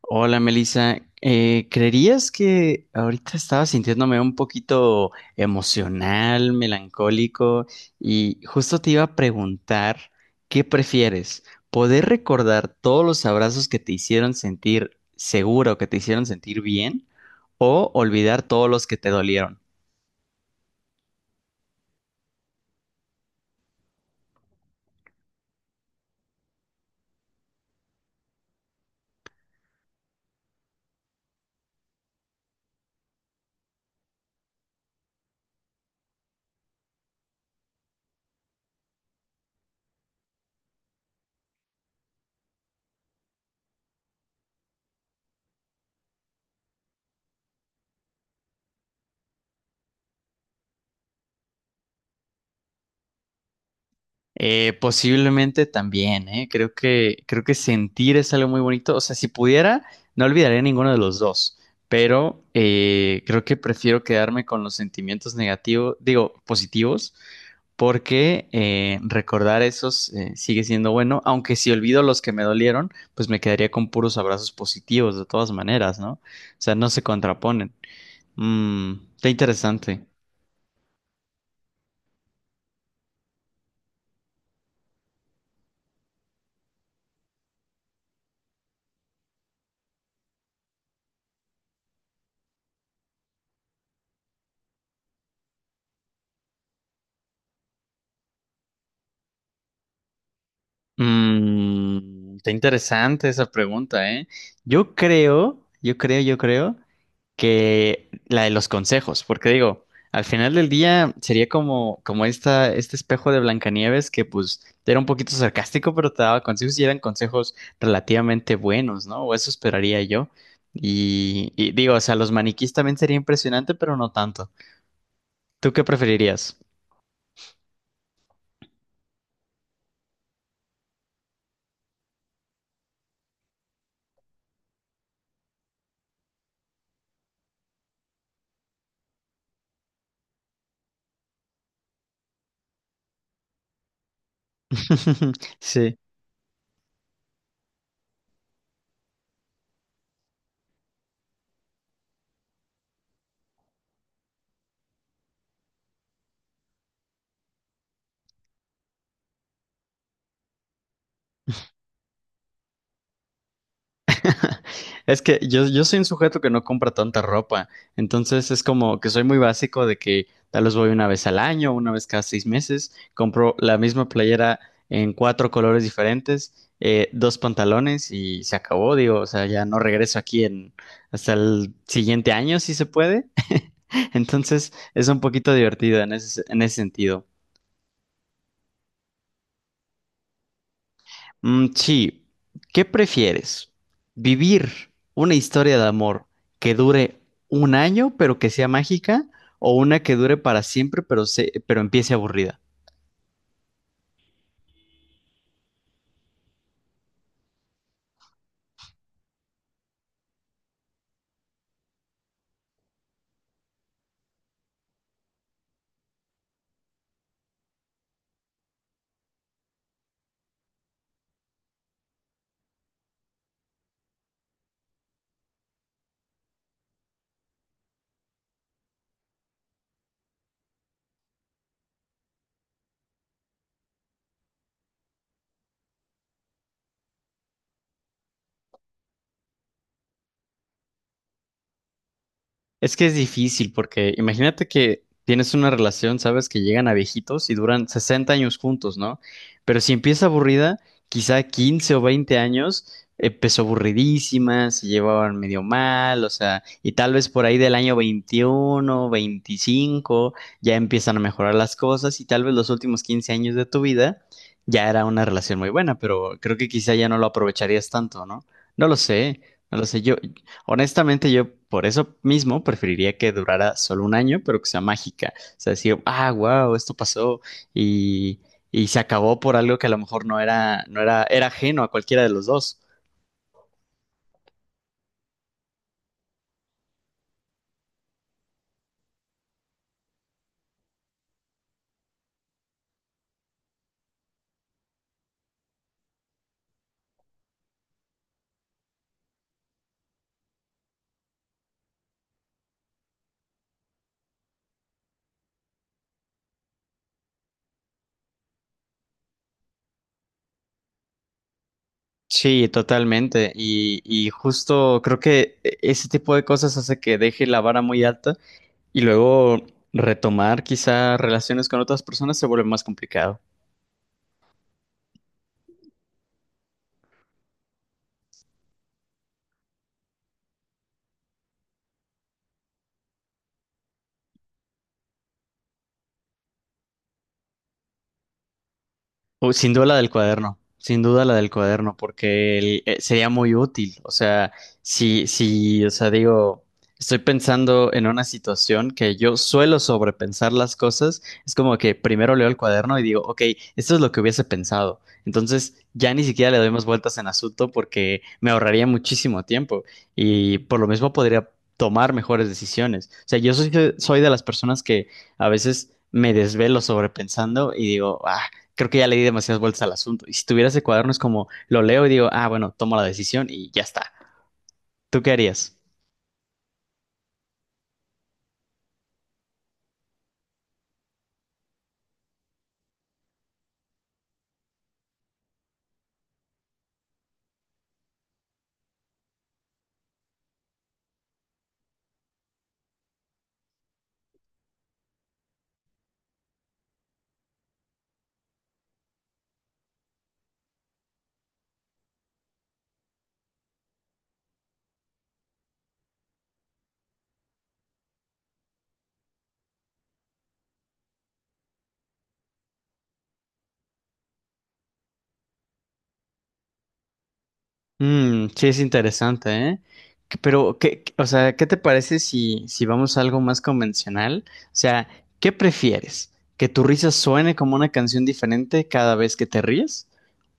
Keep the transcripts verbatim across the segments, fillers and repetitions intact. Hola, Melissa. Eh, ¿creerías que ahorita estaba sintiéndome un poquito emocional, melancólico y justo te iba a preguntar qué prefieres? ¿Poder recordar todos los abrazos que te hicieron sentir seguro, que te hicieron sentir bien o olvidar todos los que te dolieron? Eh, posiblemente también, ¿eh? Creo que, creo que sentir es algo muy bonito. O sea, si pudiera, no olvidaría ninguno de los dos, pero eh, creo que prefiero quedarme con los sentimientos negativos, digo, positivos, porque eh, recordar esos, eh, sigue siendo bueno, aunque si olvido los que me dolieron, pues me quedaría con puros abrazos positivos de todas maneras, ¿no? O sea, no se contraponen. Mm, está interesante. Mm, está interesante esa pregunta, ¿eh? Yo creo, yo creo, yo creo que la de los consejos, porque digo, al final del día sería como, como esta, este espejo de Blancanieves que pues era un poquito sarcástico, pero te daba consejos y eran consejos relativamente buenos, ¿no? O eso esperaría yo. Y, y digo, o sea, los maniquís también sería impresionante, pero no tanto. ¿Tú qué preferirías? Sí. Es que yo, yo soy un sujeto que no compra tanta ropa, entonces es como que soy muy básico de que tal vez voy una vez al año, una vez cada seis meses, compro la misma playera en cuatro colores diferentes, eh, dos pantalones y se acabó, digo, o sea, ya no regreso aquí en hasta el siguiente año si se puede. Entonces es un poquito divertido en ese, en ese sentido. Mm, sí, ¿qué prefieres? ¿Vivir una historia de amor que dure un año pero que sea mágica o una que dure para siempre, pero, se- pero empiece aburrida? Es que es difícil porque imagínate que tienes una relación, sabes que llegan a viejitos y duran sesenta años juntos, ¿no? Pero si empieza aburrida, quizá quince o veinte años eh, empezó aburridísima, se llevaban medio mal, o sea, y tal vez por ahí del año veintiuno, veinticinco ya empiezan a mejorar las cosas y tal vez los últimos quince años de tu vida ya era una relación muy buena, pero creo que quizá ya no lo aprovecharías tanto, ¿no? No lo sé, no lo sé, yo, honestamente, yo por eso mismo preferiría que durara solo un año, pero que sea mágica. O sea, decir, ah, wow, esto pasó y, y se acabó por algo que a lo mejor no era, no era, era ajeno a cualquiera de los dos. Sí, totalmente. Y, y justo creo que e- ese tipo de cosas hace que deje la vara muy alta y luego retomar quizá relaciones con otras personas se vuelve más complicado. Uy, sin duda la del cuaderno, sin duda la del cuaderno, porque el- eh, sería muy útil. O sea, si, si, o sea, digo, estoy pensando en una situación que yo suelo sobrepensar las cosas, es como que primero leo el cuaderno y digo, ok, esto es lo que hubiese pensado. Entonces, ya ni siquiera le doy más vueltas en asunto porque me ahorraría muchísimo tiempo y por lo mismo podría tomar mejores decisiones. O sea, yo soy, soy de las personas que a veces me desvelo sobrepensando y digo, ah, creo que ya le di demasiadas vueltas al asunto. Y si tuviera ese cuaderno es como, lo leo y digo, ah, bueno, tomo la decisión y ya está. ¿Tú qué harías? Mm, sí, es interesante, ¿eh? Que- Pero, ¿qué, qué- o sea, ¿qué te parece si, si, vamos a algo más convencional? O sea, ¿qué prefieres? ¿Que tu risa suene como una canción diferente cada vez que te ríes?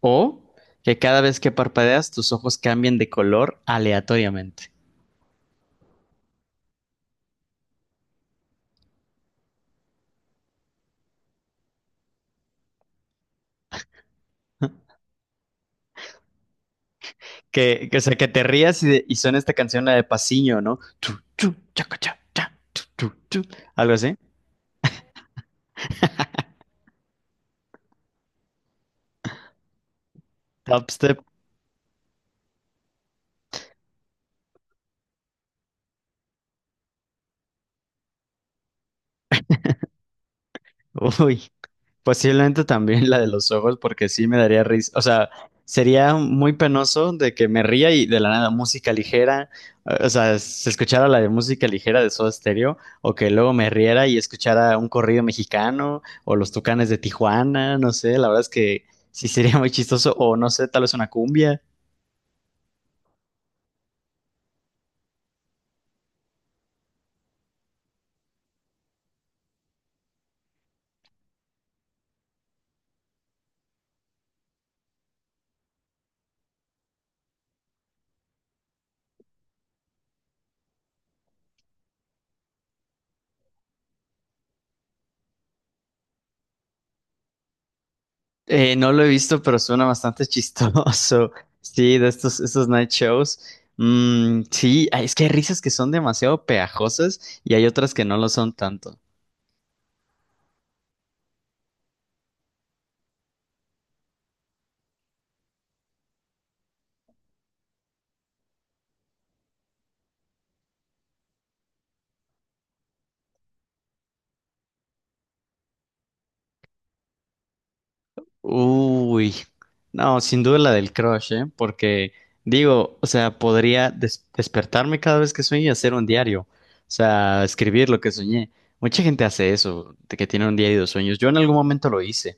¿O que cada vez que parpadeas tus ojos cambien de color aleatoriamente? Que, que, o sea, que te rías y, de- y suena esta canción, la de Pasiño, ¿no? Tu, tu, chaca, cha, cha, tu, tu, tu. Algo así. Top step. Uy, posiblemente también la de los ojos, porque sí me daría risa. O sea, sería muy penoso de que me ría y de la nada música ligera. O sea, se escuchara la de música ligera de Soda Stereo, o que luego me riera y escuchara un corrido mexicano, o los Tucanes de Tijuana, no sé, la verdad es que sí sería muy chistoso, o no sé, tal vez una cumbia. Eh, no lo he visto, pero suena bastante chistoso. Sí, de estos, estos night shows. Mm, sí, ay, es que hay risas que son demasiado pegajosas y hay otras que no lo son tanto. Uy, no, sin duda la del crush, ¿eh? Porque digo, o sea, podría des- despertarme cada vez que sueño y hacer un diario. O sea, escribir lo que soñé. Mucha gente hace eso, de que tiene un diario de sueños. Yo en algún momento lo hice.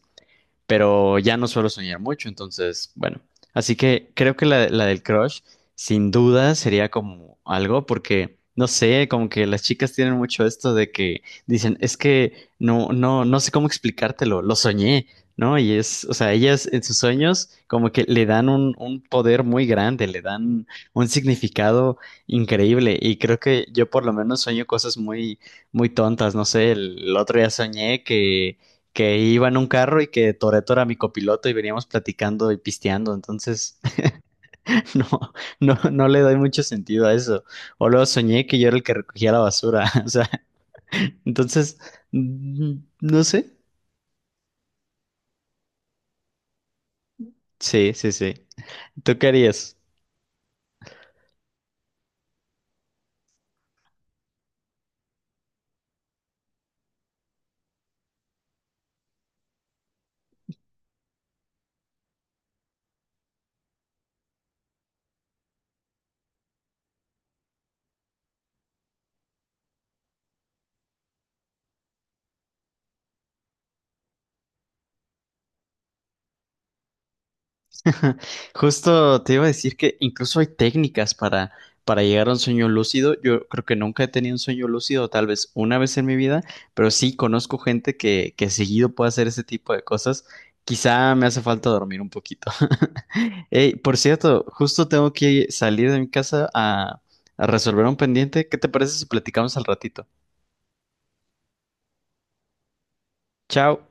Pero ya no suelo soñar mucho, entonces, bueno, así que creo que la, la del crush sin duda sería como algo porque, no sé, como que las chicas tienen mucho esto de que dicen, es que no, no, no sé cómo explicártelo, lo soñé, ¿no? Y es, o sea, ellas en sus sueños como que le dan un, un poder muy grande, le dan un significado increíble y creo que yo por lo menos sueño cosas muy, muy tontas, no sé, el el otro día soñé que que iba en un carro y que Toreto era mi copiloto y veníamos platicando y pisteando, entonces no, no, no le doy mucho sentido a eso. O luego soñé que yo era el que recogía la basura, o sea, entonces, mm, no sé. Sí, sí, sí. ¿Tú qué harías? Justo te iba a decir que incluso hay técnicas para, para, llegar a un sueño lúcido. Yo creo que nunca he tenido un sueño lúcido, tal vez una vez en mi vida, pero sí conozco gente que, que seguido puede hacer ese tipo de cosas. Quizá me hace falta dormir un poquito. Ey, por cierto, justo tengo que salir de mi casa a, a resolver un pendiente. ¿Qué te parece si platicamos al ratito? Chao.